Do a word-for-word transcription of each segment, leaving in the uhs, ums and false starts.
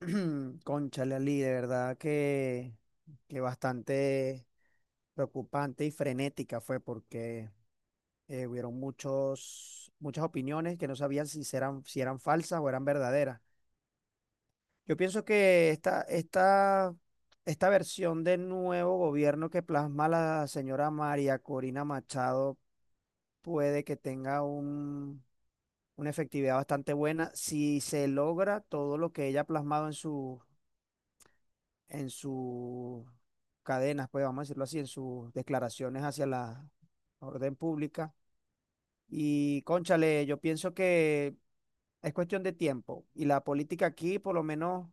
Cónchale, Ali, de verdad que, que bastante preocupante y frenética fue porque eh, hubieron muchos, muchas opiniones que no sabían si eran, si eran falsas o eran verdaderas. Yo pienso que esta, esta, esta versión del nuevo gobierno que plasma la señora María Corina Machado puede que tenga un, una efectividad bastante buena si se logra todo lo que ella ha plasmado en su en sus cadenas, pues vamos a decirlo así, en sus declaraciones hacia la orden pública. Y cónchale, yo pienso que es cuestión de tiempo. Y la política aquí, por lo menos,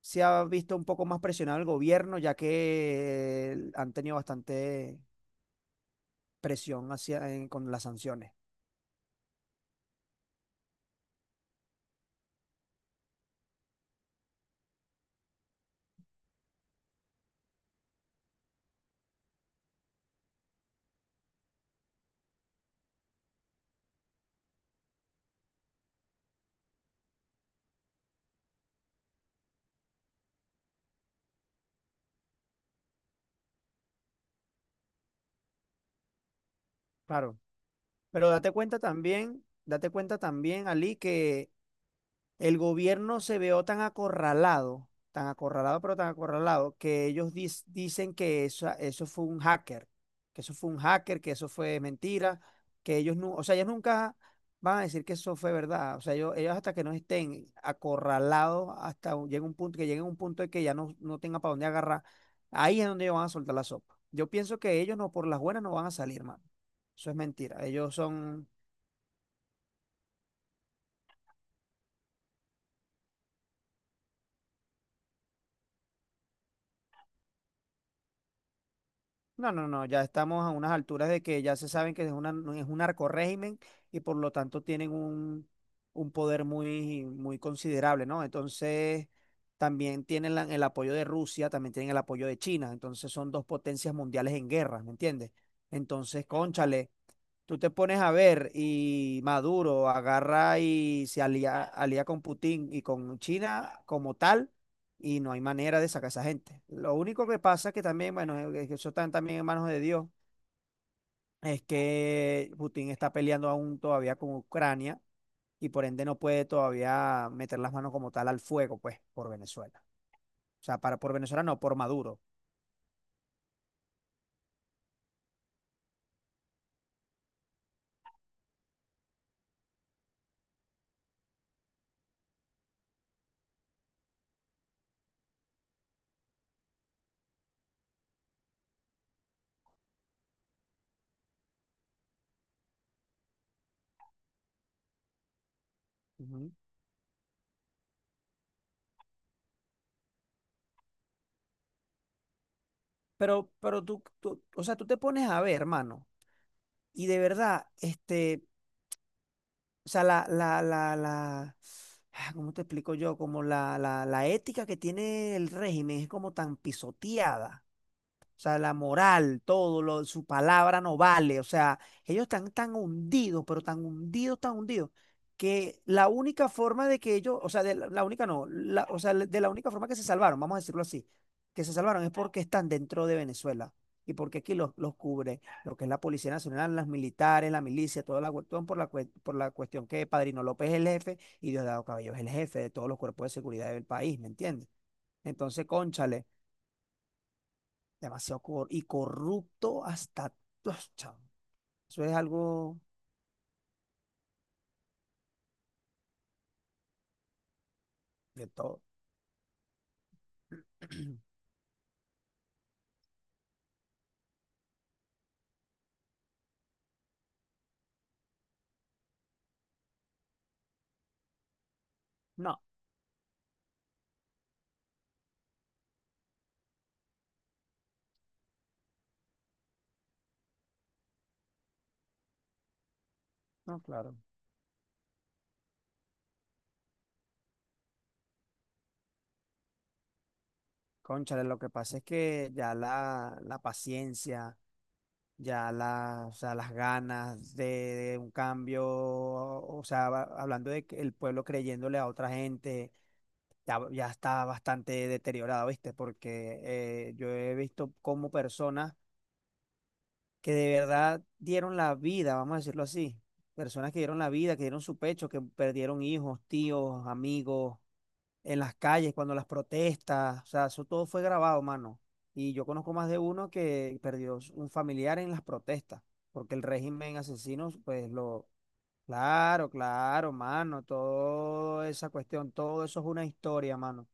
se ha visto un poco más presionado el gobierno, ya que eh, han tenido bastante presión hacia, en- con las sanciones. Claro. Pero date cuenta también, date cuenta también, Ali, que el gobierno se vio tan acorralado, tan acorralado, pero tan acorralado, que ellos dis- dicen que eso, eso fue un hacker, que eso fue un hacker, que eso fue mentira, que ellos no, o sea, ellos nunca van a decir que eso fue verdad. O sea, ellos, ellos hasta que no estén acorralados, hasta un- llega un punto, que lleguen a un punto de que ya no, no tengan para dónde agarrar, ahí es donde ellos van a soltar la sopa. Yo pienso que ellos no, por las buenas no van a salir, mano. Eso es mentira. Ellos son... No, no, no, ya estamos a unas alturas de que ya se saben que es una, no, es un narcorrégimen y por lo tanto tienen un, un poder muy, muy considerable, ¿no? Entonces, también tienen la- el apoyo de Rusia, también tienen el apoyo de China, entonces son dos potencias mundiales en guerra, ¿me entiendes? Entonces, cónchale, tú te pones a ver y Maduro agarra y se alía, alía con Putin y con China como tal, y no hay manera de sacar a esa gente. Lo único que pasa es que también, bueno, eh, que eso está también en manos de Dios, es que Putin está peleando aún todavía con Ucrania y por ende no puede todavía meter las manos como tal al fuego, pues, por Venezuela. O sea, para, por Venezuela no, por Maduro. Ujú. Pero, pero tú, tú, o sea, tú te pones a ver, hermano, y de verdad, este, o sea, la, la, la, la, ah, ¿cómo te explico yo? Como la, la, la ética que tiene el régimen es como tan pisoteada. O sea, la moral, todo, lo, su palabra no vale. O sea, ellos están tan hundidos, pero tan hundidos, tan hundidos, que la única forma de que ellos, o sea, de la, la única no, la- o sea, de la única forma que se salvaron, vamos a decirlo así, que se salvaron es porque están dentro de Venezuela y porque aquí los, los cubre lo que es la Policía Nacional, las militares, la milicia, toda la cuestión por la, cue- por la cuestión que Padrino López es el jefe y Diosdado Cabello es el jefe de todos los cuerpos de seguridad del país, ¿me entiendes? Entonces, cónchale, demasiado cor- y corrupto hasta... Uf, chao. Eso es algo de todo. No, no, claro. Cónchale, lo que pasa es que ya la, la paciencia, ya la, o sea, las ganas de, de un cambio, o sea, va- hablando de que el pueblo creyéndole a otra gente, ya, ya está bastante deteriorado, ¿viste? Porque eh, yo he visto como personas que de verdad dieron la vida, vamos a decirlo así. Personas que dieron la vida, que dieron su pecho, que perdieron hijos, tíos, amigos, en las calles, cuando las protestas, o sea, eso todo fue grabado, mano. Y yo conozco más de uno que perdió un familiar en las protestas, porque el régimen asesino, pues lo... Claro, claro, mano, toda esa cuestión, todo eso es una historia, mano.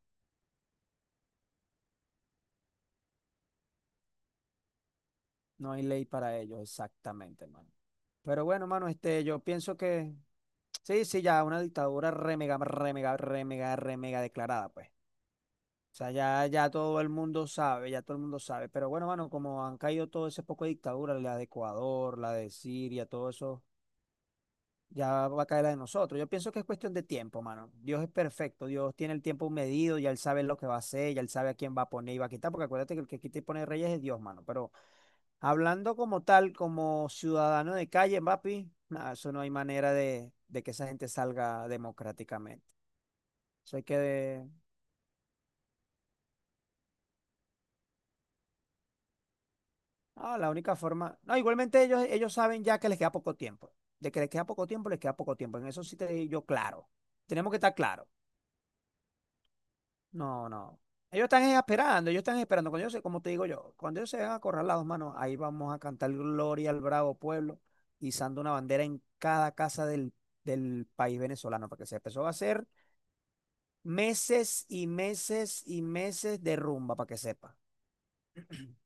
No hay ley para ello, exactamente, mano. Pero bueno, mano, este, yo pienso que... Sí, sí, ya una dictadura re mega, re mega, re mega, re mega declarada, pues. O sea, ya, ya todo el mundo sabe, ya todo el mundo sabe. Pero bueno, mano, como han caído todo ese poco de dictaduras, la de Ecuador, la de Siria, todo eso, ya va a caer la de nosotros. Yo pienso que es cuestión de tiempo, mano. Dios es perfecto, Dios tiene el tiempo medido, ya él sabe lo que va a hacer, ya él sabe a quién va a poner y va a quitar, porque acuérdate que el que quita y pone reyes es Dios, mano. Pero hablando como tal, como ciudadano de calle, papi, nada, eso no hay manera de, de que esa gente salga democráticamente. Eso hay que... Ah, la única forma... No, igualmente ellos, ellos saben ya que les queda poco tiempo. De que les queda poco tiempo, les queda poco tiempo. En eso sí te digo yo claro. Tenemos que estar claros. No, no. Ellos están esperando, ellos están esperando. Cuando ellos se, como te digo yo, cuando ellos se van a correr las dos manos ahí vamos a cantar Gloria al Bravo Pueblo, izando una bandera en cada casa del, del país venezolano, para que se empezó a hacer meses y meses y meses de rumba, para que sepa.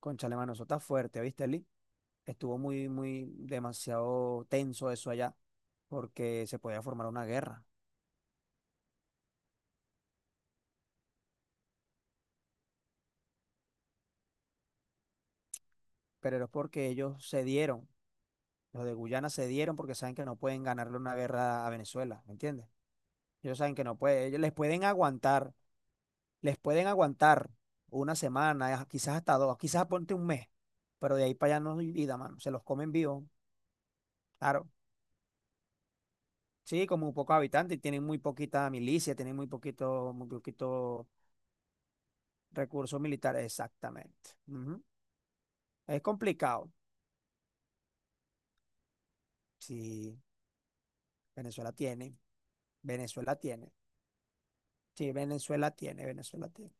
Cónchale, mano, eso está fuerte, ¿viste, Eli? Estuvo muy, muy demasiado tenso eso allá, porque se podía formar una guerra. Pero es porque ellos cedieron, los de Guyana cedieron porque saben que no pueden ganarle una guerra a Venezuela, ¿me entiendes? Ellos saben que no pueden, ellos les pueden aguantar, les pueden aguantar una semana, quizás hasta dos, quizás ponte un mes, pero de ahí para allá no hay vida, mano, se los comen vivos, claro. Sí, como un poco habitantes, tienen muy poquita milicia, tienen muy poquito, muy poquito recursos militares, exactamente. Ujú. Es complicado. Sí, Venezuela tiene, Venezuela tiene. Sí, Venezuela tiene, Venezuela tiene.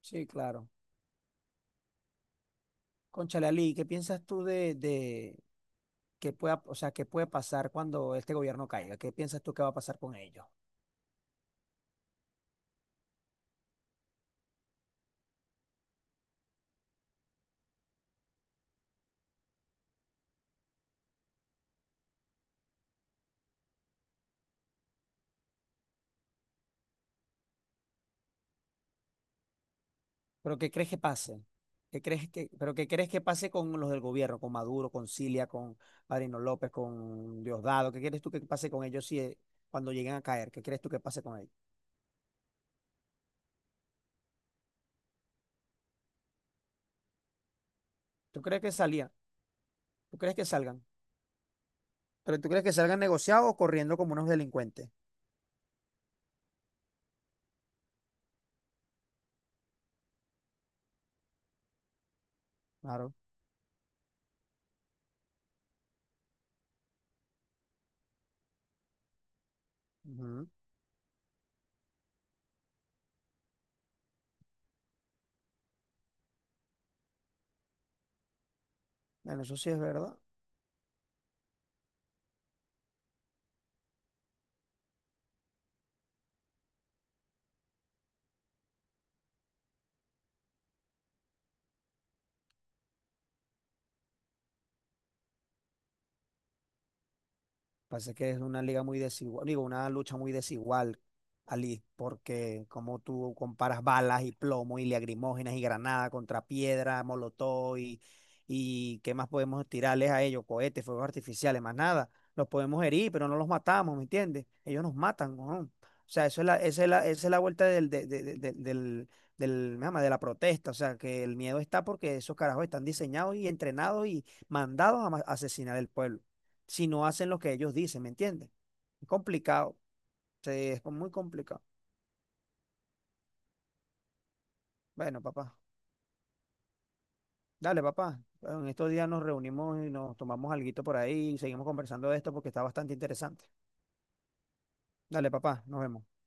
Sí, claro. Cónchale, Ali, ¿qué piensas tú de, de que pueda, o sea, qué puede pasar cuando este gobierno caiga? ¿Qué piensas tú que va a pasar con ellos? ¿Pero qué crees que pase? ¿Qué crees que, pero qué crees que pase con los del gobierno, con Maduro, con Cilia, con Marino López, con Diosdado? ¿Qué crees tú que pase con ellos si eh, cuando lleguen a caer? ¿Qué crees tú que pase con ellos? ¿Tú crees que salían? ¿Tú crees que salgan? Pero tú crees que salgan negociados o corriendo como unos delincuentes. Claro. Ujú. Bueno, eso sí es verdad. Pasa que es una liga muy desigual, digo, una lucha muy desigual, Ali, porque como tú comparas balas y plomo y lagrimógenas y granada contra piedra, molotov y, y qué más podemos tirarles a ellos, cohetes, fuegos artificiales, más nada. Los podemos herir, pero no los matamos, ¿me entiendes? Ellos nos matan, ¿no? O sea, eso es la, esa es la, esa es la vuelta del, de, de- de- de- del, del, me llama, de la protesta. O sea, que el miedo está porque esos carajos están diseñados y entrenados y mandados a ma- asesinar el pueblo si no hacen lo que ellos dicen, ¿me entiendes? Es complicado, sí, es muy complicado. Bueno, papá, dale, papá. En estos días nos reunimos y nos tomamos alguito por ahí y seguimos conversando de esto porque está bastante interesante. Dale, papá, nos vemos.